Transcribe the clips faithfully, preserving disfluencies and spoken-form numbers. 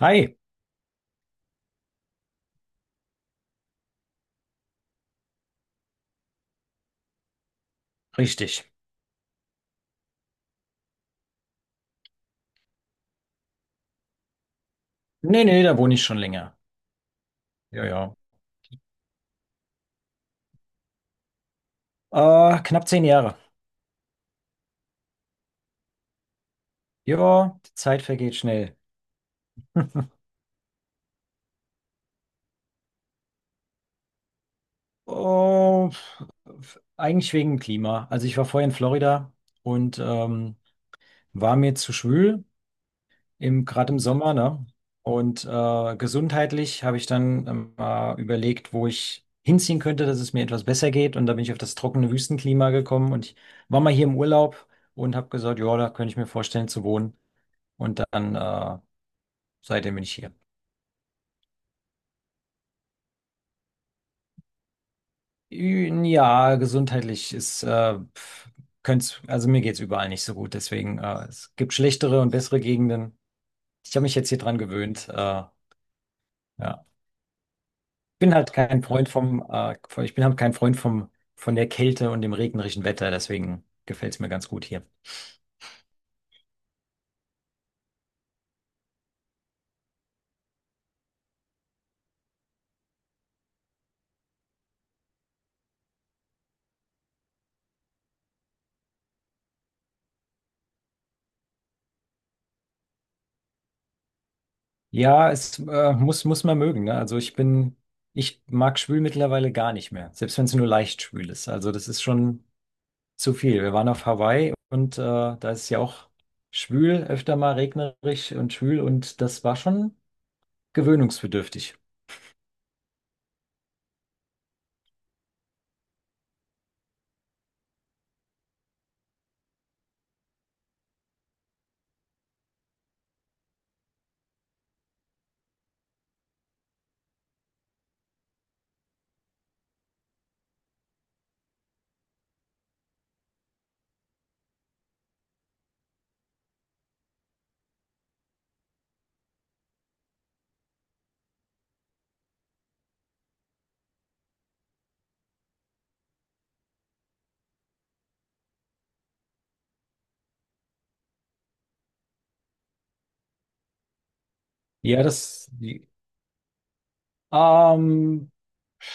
Hi, richtig. Nee, nee, da wohne ich schon länger. Ja, ja. Äh, knapp zehn Jahre. Ja, die Zeit vergeht schnell. Oh, f- eigentlich wegen dem Klima. Also ich war vorher in Florida und ähm, war mir zu schwül, im, gerade im Sommer, ne? Und äh, gesundheitlich habe ich dann ähm, äh, überlegt, wo ich hinziehen könnte, dass es mir etwas besser geht. Und da bin ich auf das trockene Wüstenklima gekommen und ich war mal hier im Urlaub und habe gesagt, ja, da könnte ich mir vorstellen zu wohnen. Und dann äh, Seitdem bin ich hier. Ja, gesundheitlich ist, äh, pf, könnt's, also mir geht's überall nicht so gut. Deswegen, äh, es gibt schlechtere und bessere Gegenden. Ich habe mich jetzt hier dran gewöhnt. Äh, ja. Ich bin halt kein Freund vom, äh, von- ich bin halt kein Freund vom, von der Kälte und dem regnerischen Wetter. Deswegen gefällt's mir ganz gut hier. Ja, es äh, muss, muss man mögen, ne? Also ich bin, ich mag schwül mittlerweile gar nicht mehr. Selbst wenn es nur leicht schwül ist. Also das ist schon. Zu viel. Wir waren auf Hawaii und äh, da ist es ja auch schwül, öfter mal regnerisch und schwül und das war schon gewöhnungsbedürftig. Ja, das, ähm,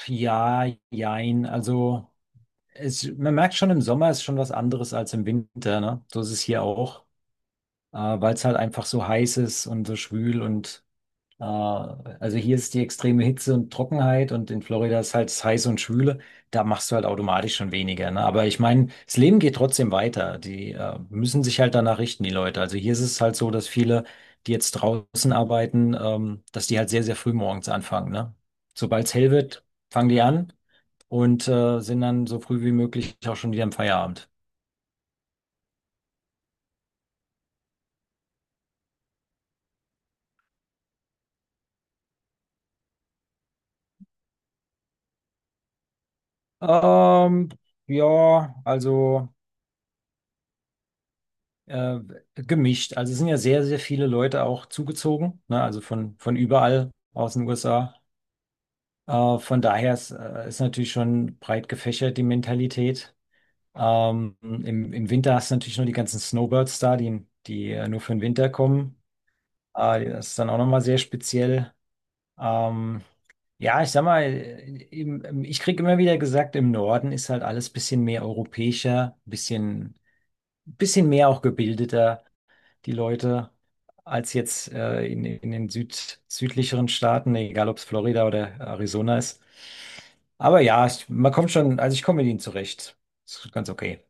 ja, jein. Also es, man merkt schon, im Sommer ist schon was anderes als im Winter, ne? So ist es hier auch, äh, weil es halt einfach so heiß ist und so schwül und Äh, also hier ist die extreme Hitze und Trockenheit und in Florida ist halt heiß und schwüle. Da machst du halt automatisch schon weniger, ne? Aber ich meine, das Leben geht trotzdem weiter. Die äh, müssen sich halt danach richten, die Leute. Also hier ist es halt so, dass viele, die jetzt draußen arbeiten, ähm, dass die halt sehr, sehr früh morgens anfangen, ne? Sobald es hell wird, fangen die an und äh, sind dann so früh wie möglich auch schon wieder im Feierabend. Ähm, ja, also. äh, Gemischt. Also es sind ja sehr, sehr viele Leute auch zugezogen, ne? Also von, von überall aus den U S A. Äh, von daher ist, äh, ist natürlich schon breit gefächert die Mentalität. Ähm, im, im Winter hast du natürlich nur die ganzen Snowbirds da, die, die äh, nur für den Winter kommen. Äh, das ist dann auch nochmal sehr speziell. Ähm, ja, ich sag mal, im, im- ich krieg immer wieder gesagt, im Norden ist halt alles bisschen mehr europäischer, bisschen, bisschen mehr auch gebildeter, die Leute, als jetzt äh, in, in den Süd, südlicheren Staaten, egal ob es Florida oder Arizona ist. Aber ja, ich, man kommt schon, also ich komme mit ihnen zurecht. Ist ganz okay.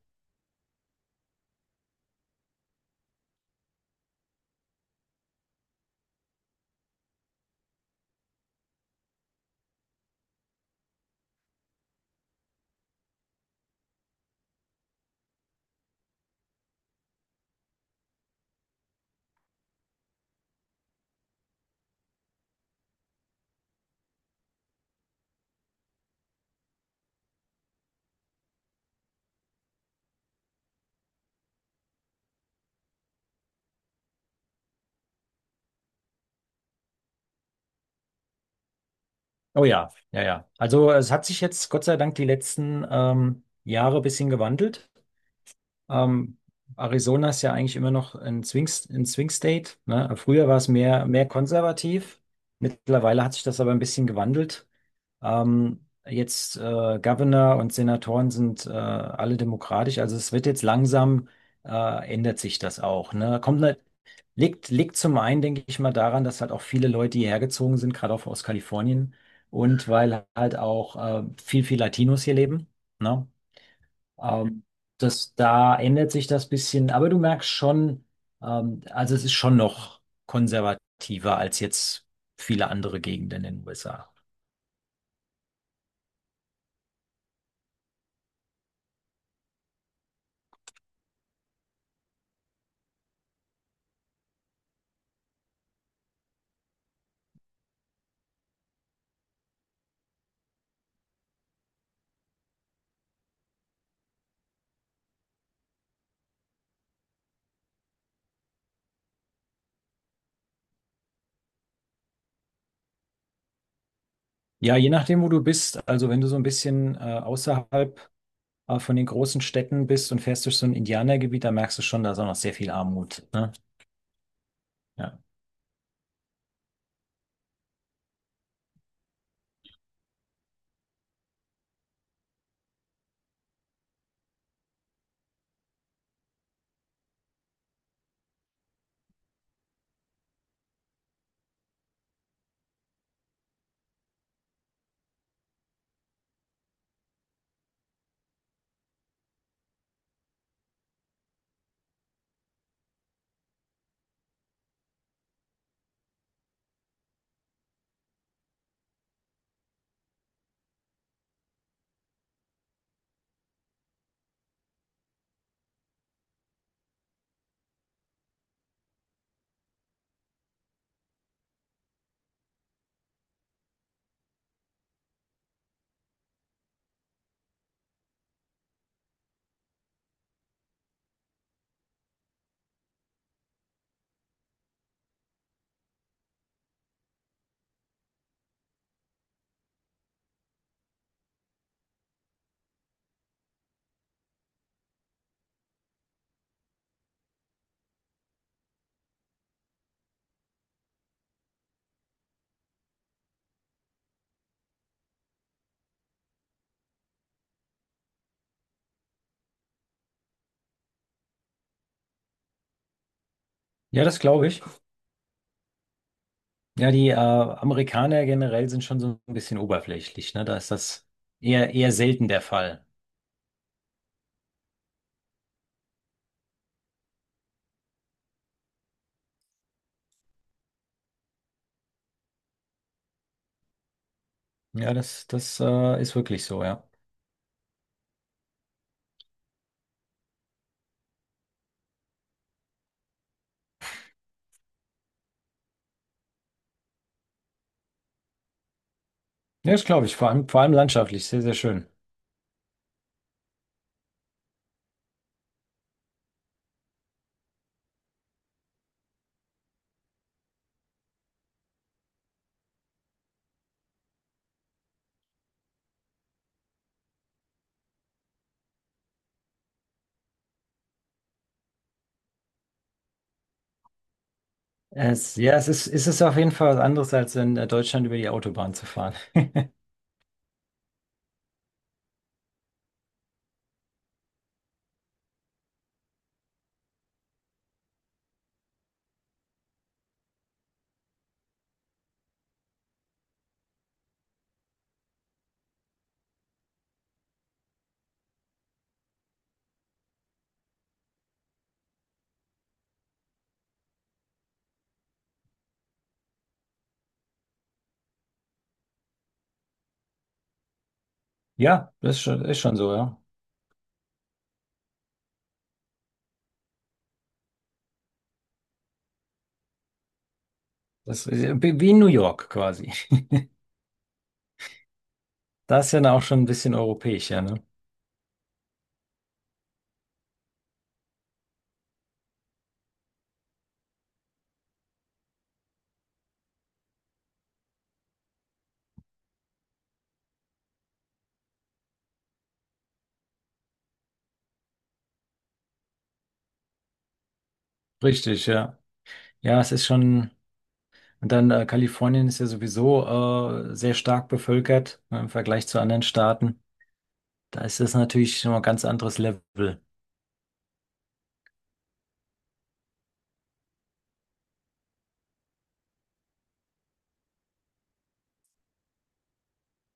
Oh ja, ja, ja. Also es hat sich jetzt Gott sei Dank die letzten ähm, Jahre ein bisschen gewandelt. Ähm, Arizona ist ja eigentlich immer noch ein Swing, ein Swing State, ne? Früher war es mehr, mehr konservativ. Mittlerweile hat sich das aber ein bisschen gewandelt. Ähm, jetzt äh, Governor und Senatoren sind äh, alle demokratisch, also es wird jetzt langsam, äh, ändert sich das auch, ne? Kommt ne, liegt, liegt zum einen, denke ich mal, daran, dass halt auch viele Leute hierher gezogen sind, gerade auch aus Kalifornien und weil halt auch äh, viel, viel Latinos hier leben, ne? Ähm, das, Da ändert sich das bisschen, aber du merkst schon, ähm, also es ist schon noch konservativer als jetzt viele andere Gegenden in den U S A. Ja, je nachdem, wo du bist. Also wenn du so ein bisschen äh, außerhalb äh, von den großen Städten bist und fährst durch so ein Indianergebiet, da merkst du schon, da ist auch noch sehr viel Armut. Ne? Ja. Ja, das glaube ich. Ja, die äh, Amerikaner generell sind schon so ein bisschen oberflächlich. Ne? Da ist das eher, eher selten der Fall. Ja, das, das äh, ist wirklich so, ja. Ja, das glaube ich. Vor allem, vor allem landschaftlich, sehr, sehr schön. Es, ja, es ist, es ist auf jeden Fall was anderes, als in äh, Deutschland über die Autobahn zu fahren. Ja, das ist schon, ist schon so, ja. Das ist ja wie in New York quasi. Das ist ja dann auch schon ein bisschen europäisch, ja, ne? Richtig, ja. Ja, es ist schon. Und dann äh, Kalifornien ist ja sowieso äh, sehr stark bevölkert ne, im Vergleich zu anderen Staaten. Da ist das natürlich schon mal ein ganz anderes Level.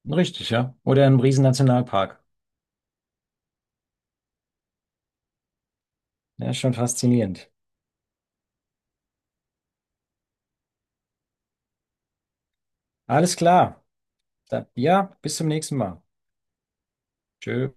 Richtig, ja. Oder ein riesen Nationalpark. Ja, ist schon faszinierend. Alles klar. Da, ja, bis zum nächsten Mal. Tschö.